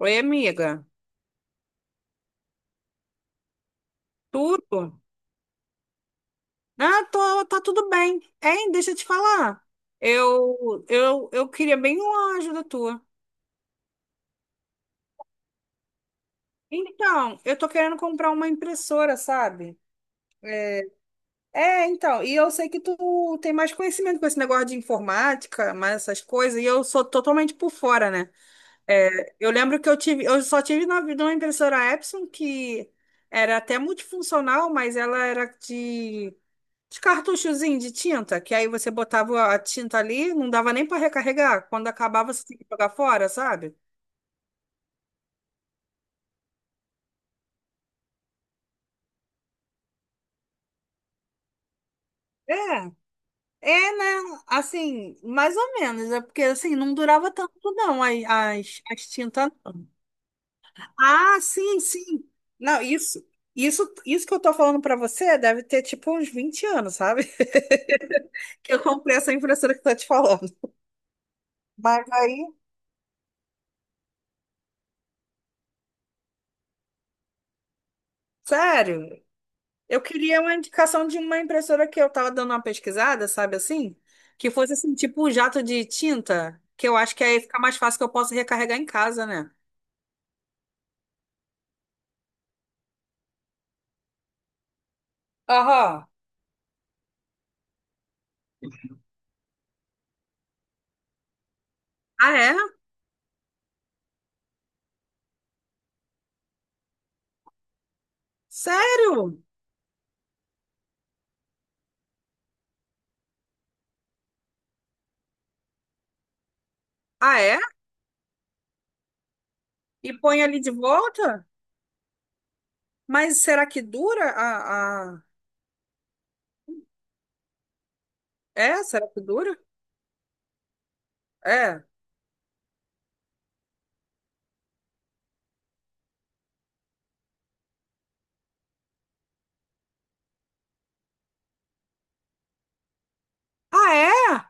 Oi, amiga. Tudo? Ah, tô, tá tudo bem. Hein, deixa eu te falar. Eu queria bem uma ajuda tua. Então, eu tô querendo comprar uma impressora, sabe? É, então, e eu sei que tu tem mais conhecimento com esse negócio de informática, mais essas coisas, e eu sou totalmente por fora, né? É, eu lembro que eu só tive na vida uma impressora Epson que era até multifuncional, mas ela era de os cartuchozinhos de tinta, que aí você botava a tinta ali, não dava nem para recarregar. Quando acabava, você tinha que jogar fora, sabe? É, é, né? Assim, mais ou menos, é porque assim, não durava tanto, não, as tintas, não. Ah, sim, sim. Não, isso que eu tô falando para você deve ter tipo uns 20 anos, sabe? Que eu comprei essa impressora que eu tô te falando. Mas aí, sério. Eu queria uma indicação de uma impressora que eu tava dando uma pesquisada, sabe assim? Que fosse assim, tipo um jato de tinta, que eu acho que aí fica mais fácil que eu posso recarregar em casa, né? Aham. Ah, é? Sério? Ah, é? E põe ali de volta? Mas será que dura a? É? Será que dura? É. Ah, é?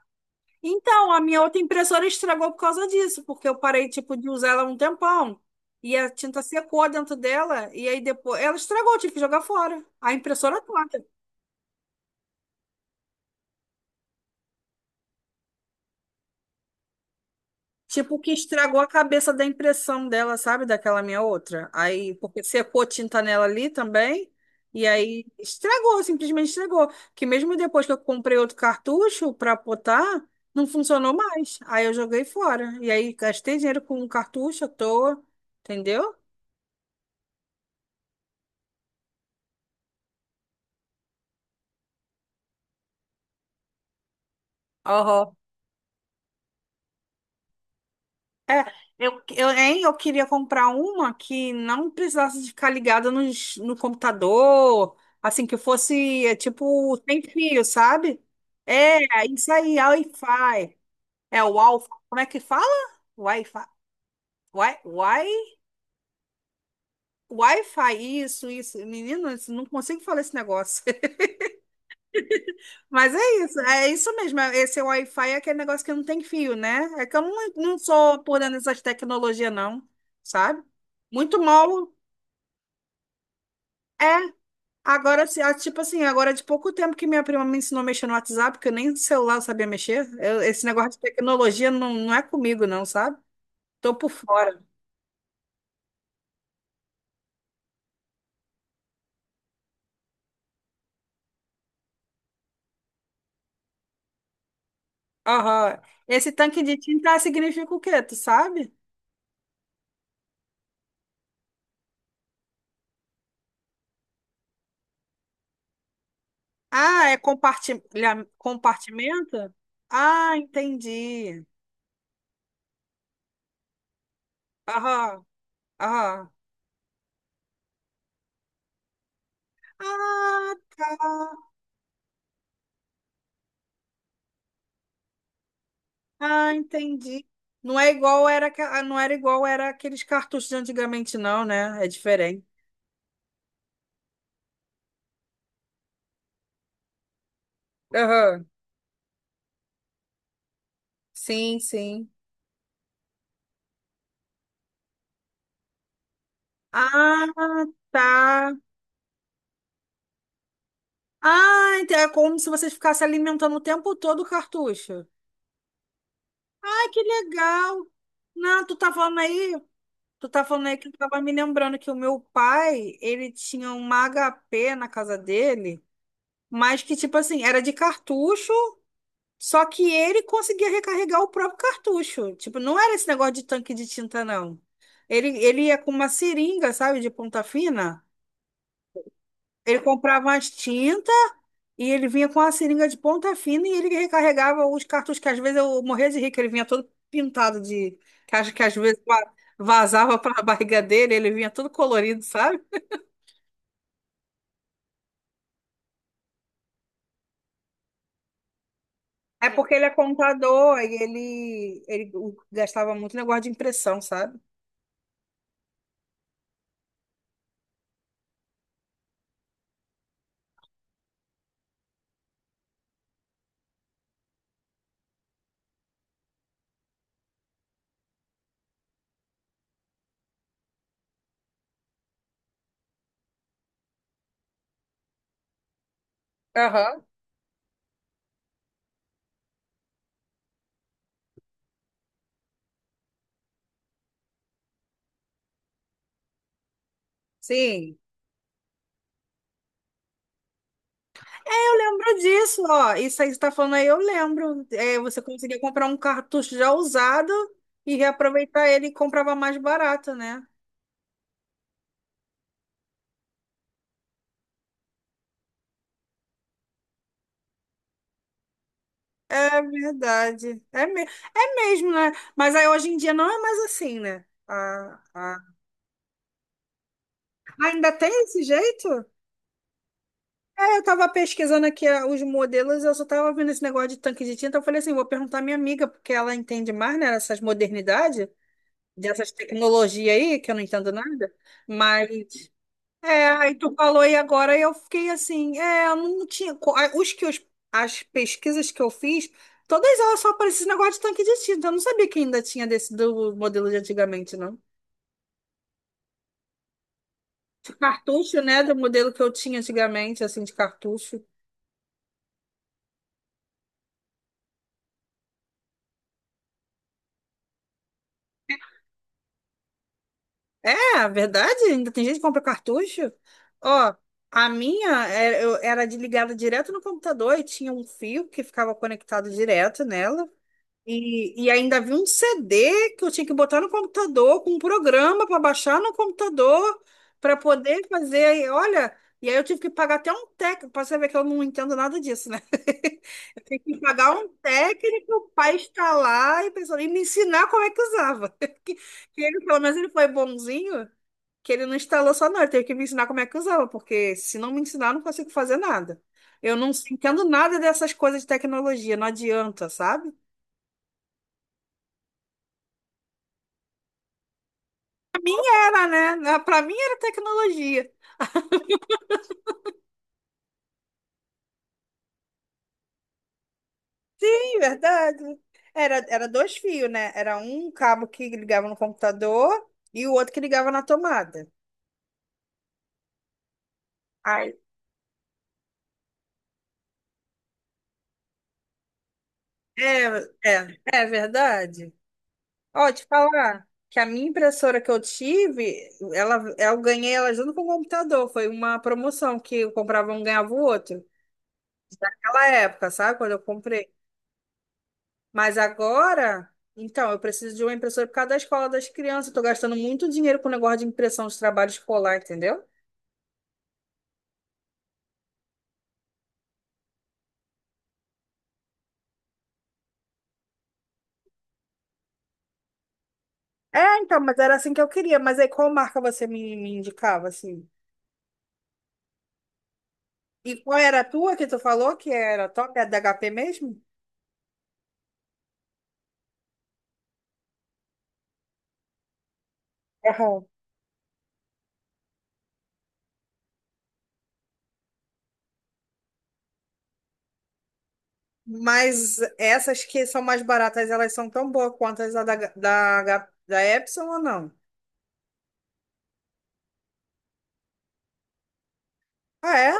Então, a minha outra impressora estragou por causa disso, porque eu parei, tipo, de usar ela um tempão. E a tinta secou dentro dela, e aí depois ela estragou, eu tive que jogar fora. A impressora toda. Tipo, que estragou a cabeça da impressão dela, sabe? Daquela minha outra. Aí, porque secou tinta nela ali também, e aí estragou, simplesmente estragou. Que mesmo depois que eu comprei outro cartucho para botar, não funcionou mais. Aí eu joguei fora. E aí gastei dinheiro com um cartucho à toa, entendeu? É, eu queria comprar uma que não precisasse de ficar ligada no computador, assim, que fosse, tipo, sem fio, sabe? É, isso aí, a Wi-Fi. É o Alfa, como é que fala? Wi-Fi. Wi, wi, Wi-Fi, isso, isso. Menino, não consigo falar esse negócio. Mas é isso mesmo. Esse Wi-Fi é aquele negócio que não tem fio, né? É que eu não sou por dentro dessas tecnologias, não, sabe? Muito mal. É, agora, tipo assim, agora é de pouco tempo que minha prima me ensinou a mexer no WhatsApp, porque eu nem no celular eu sabia mexer. Esse negócio de tecnologia não é comigo, não, sabe? Tô por fora. Aham. Esse tanque de tinta significa o quê? Tu sabe? Ah, é compartimento? Ah, entendi. Aham, aham. Ah, tá. Ah, entendi. Não é igual era, aqua- não era igual era aqueles cartuchos de antigamente, não, né? É diferente. Aham. Sim, sim. Ah, tá. Ah, então é como se você ficasse alimentando o tempo todo o cartucho. Ah, que legal. Não, tu tá falando aí, que eu tava me lembrando que o meu pai, ele tinha uma HP na casa dele, mas que tipo assim, era de cartucho, só que ele conseguia recarregar o próprio cartucho. Tipo, não era esse negócio de tanque de tinta, não. Ele ia com uma seringa, sabe, de ponta fina. Ele comprava as tintas. E ele vinha com a seringa de ponta fina e ele recarregava os cartuchos, que às vezes eu morria de rir, que ele vinha todo pintado de. Que acho que às vezes vazava para a barriga dele, ele vinha todo colorido, sabe? É porque ele é contador e ele gastava muito negócio de impressão, sabe? Aham. Sim. Lembro disso, ó. Isso aí que você tá falando aí, eu lembro. É, você conseguia comprar um cartucho já usado e reaproveitar ele e comprava mais barato, né? Verdade. É, é mesmo, né? Mas aí hoje em dia não é mais assim, né? Ah, ah. Ainda tem esse jeito? É, eu tava pesquisando aqui, os modelos, eu só tava vendo esse negócio de tanque de tinta. Eu falei assim, vou perguntar à minha amiga, porque ela entende mais, né, dessas modernidades, dessas tecnologias aí, que eu não entendo nada. Mas é, aí tu falou e agora eu fiquei assim, é, eu não tinha, as pesquisas que eu fiz, todas elas só apareciam esse negócio de tanque de tinta. Eu não sabia que ainda tinha desse do modelo de antigamente, não. De cartucho, né, do modelo que eu tinha antigamente, assim, de cartucho. É, a verdade, ainda tem gente que compra cartucho. Ó, a minha era ligada direto no computador e tinha um fio que ficava conectado direto nela. E ainda vi um CD que eu tinha que botar no computador, com um programa para baixar no computador, para poder fazer. Aí, olha, e aí eu tive que pagar até um técnico, para você ver que eu não entendo nada disso, né? Eu tive que pagar um técnico para instalar e, pessoal, e me ensinar como é que usava. Que ele, pelo menos, ele foi bonzinho, que ele não instalou só, não. Ele teve que me ensinar como é que usava, porque se não me ensinar, eu não consigo fazer nada. Eu não entendo nada dessas coisas de tecnologia, não adianta, sabe? Era, né? Pra mim era tecnologia. Sim, verdade. Era dois fios, né? Era um cabo que ligava no computador e o outro que ligava na tomada. Ai. É, é, é verdade. Ó, te falar que a minha impressora que eu tive, eu ganhei ela junto com o computador. Foi uma promoção que eu comprava um, ganhava o outro. Naquela época, sabe? Quando eu comprei. Mas agora, então, eu preciso de uma impressora por causa da escola das crianças. Eu tô gastando muito dinheiro com o negócio de impressão de trabalho escolar, entendeu? É, então, mas era assim que eu queria. Mas aí qual marca você me indicava, assim? E qual era a tua que tu falou que era top? É da HP mesmo? Aham. Mas essas que são mais baratas, elas são tão boas quanto as da Epson ou não? Ah, é?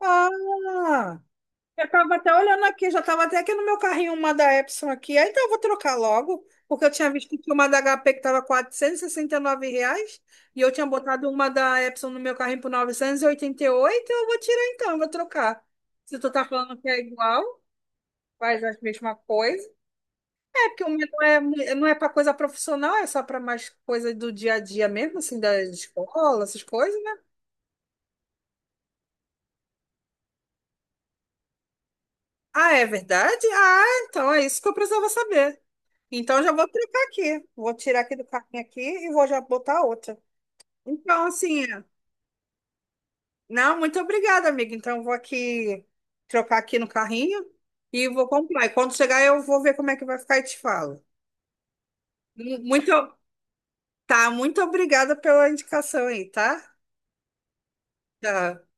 Ah! Eu estava até olhando aqui, já estava até aqui no meu carrinho uma da Epson aqui. Ah, então eu vou trocar logo, porque eu tinha visto que tinha uma da HP que estava e R$ 69 e eu tinha botado uma da Epson no meu carrinho por novecentos e oitenta e oito. Eu vou tirar então, eu vou trocar. Se tu tá falando que é igual, faz a mesma coisa. É porque o meu não é, não é para coisa profissional, é só para mais coisa do dia a dia mesmo, assim, da escola, essas coisas, né? Ah, é verdade? Ah, então é isso que eu precisava saber. Então já vou trocar aqui. Vou tirar aqui do carrinho aqui e vou já botar outra. Então, assim, não, muito obrigada, amiga. Então, eu vou aqui trocar aqui no carrinho e vou comprar. E quando chegar, eu vou ver como é que vai ficar e te falo. Muito, tá, muito obrigada pela indicação aí, tá? Tá.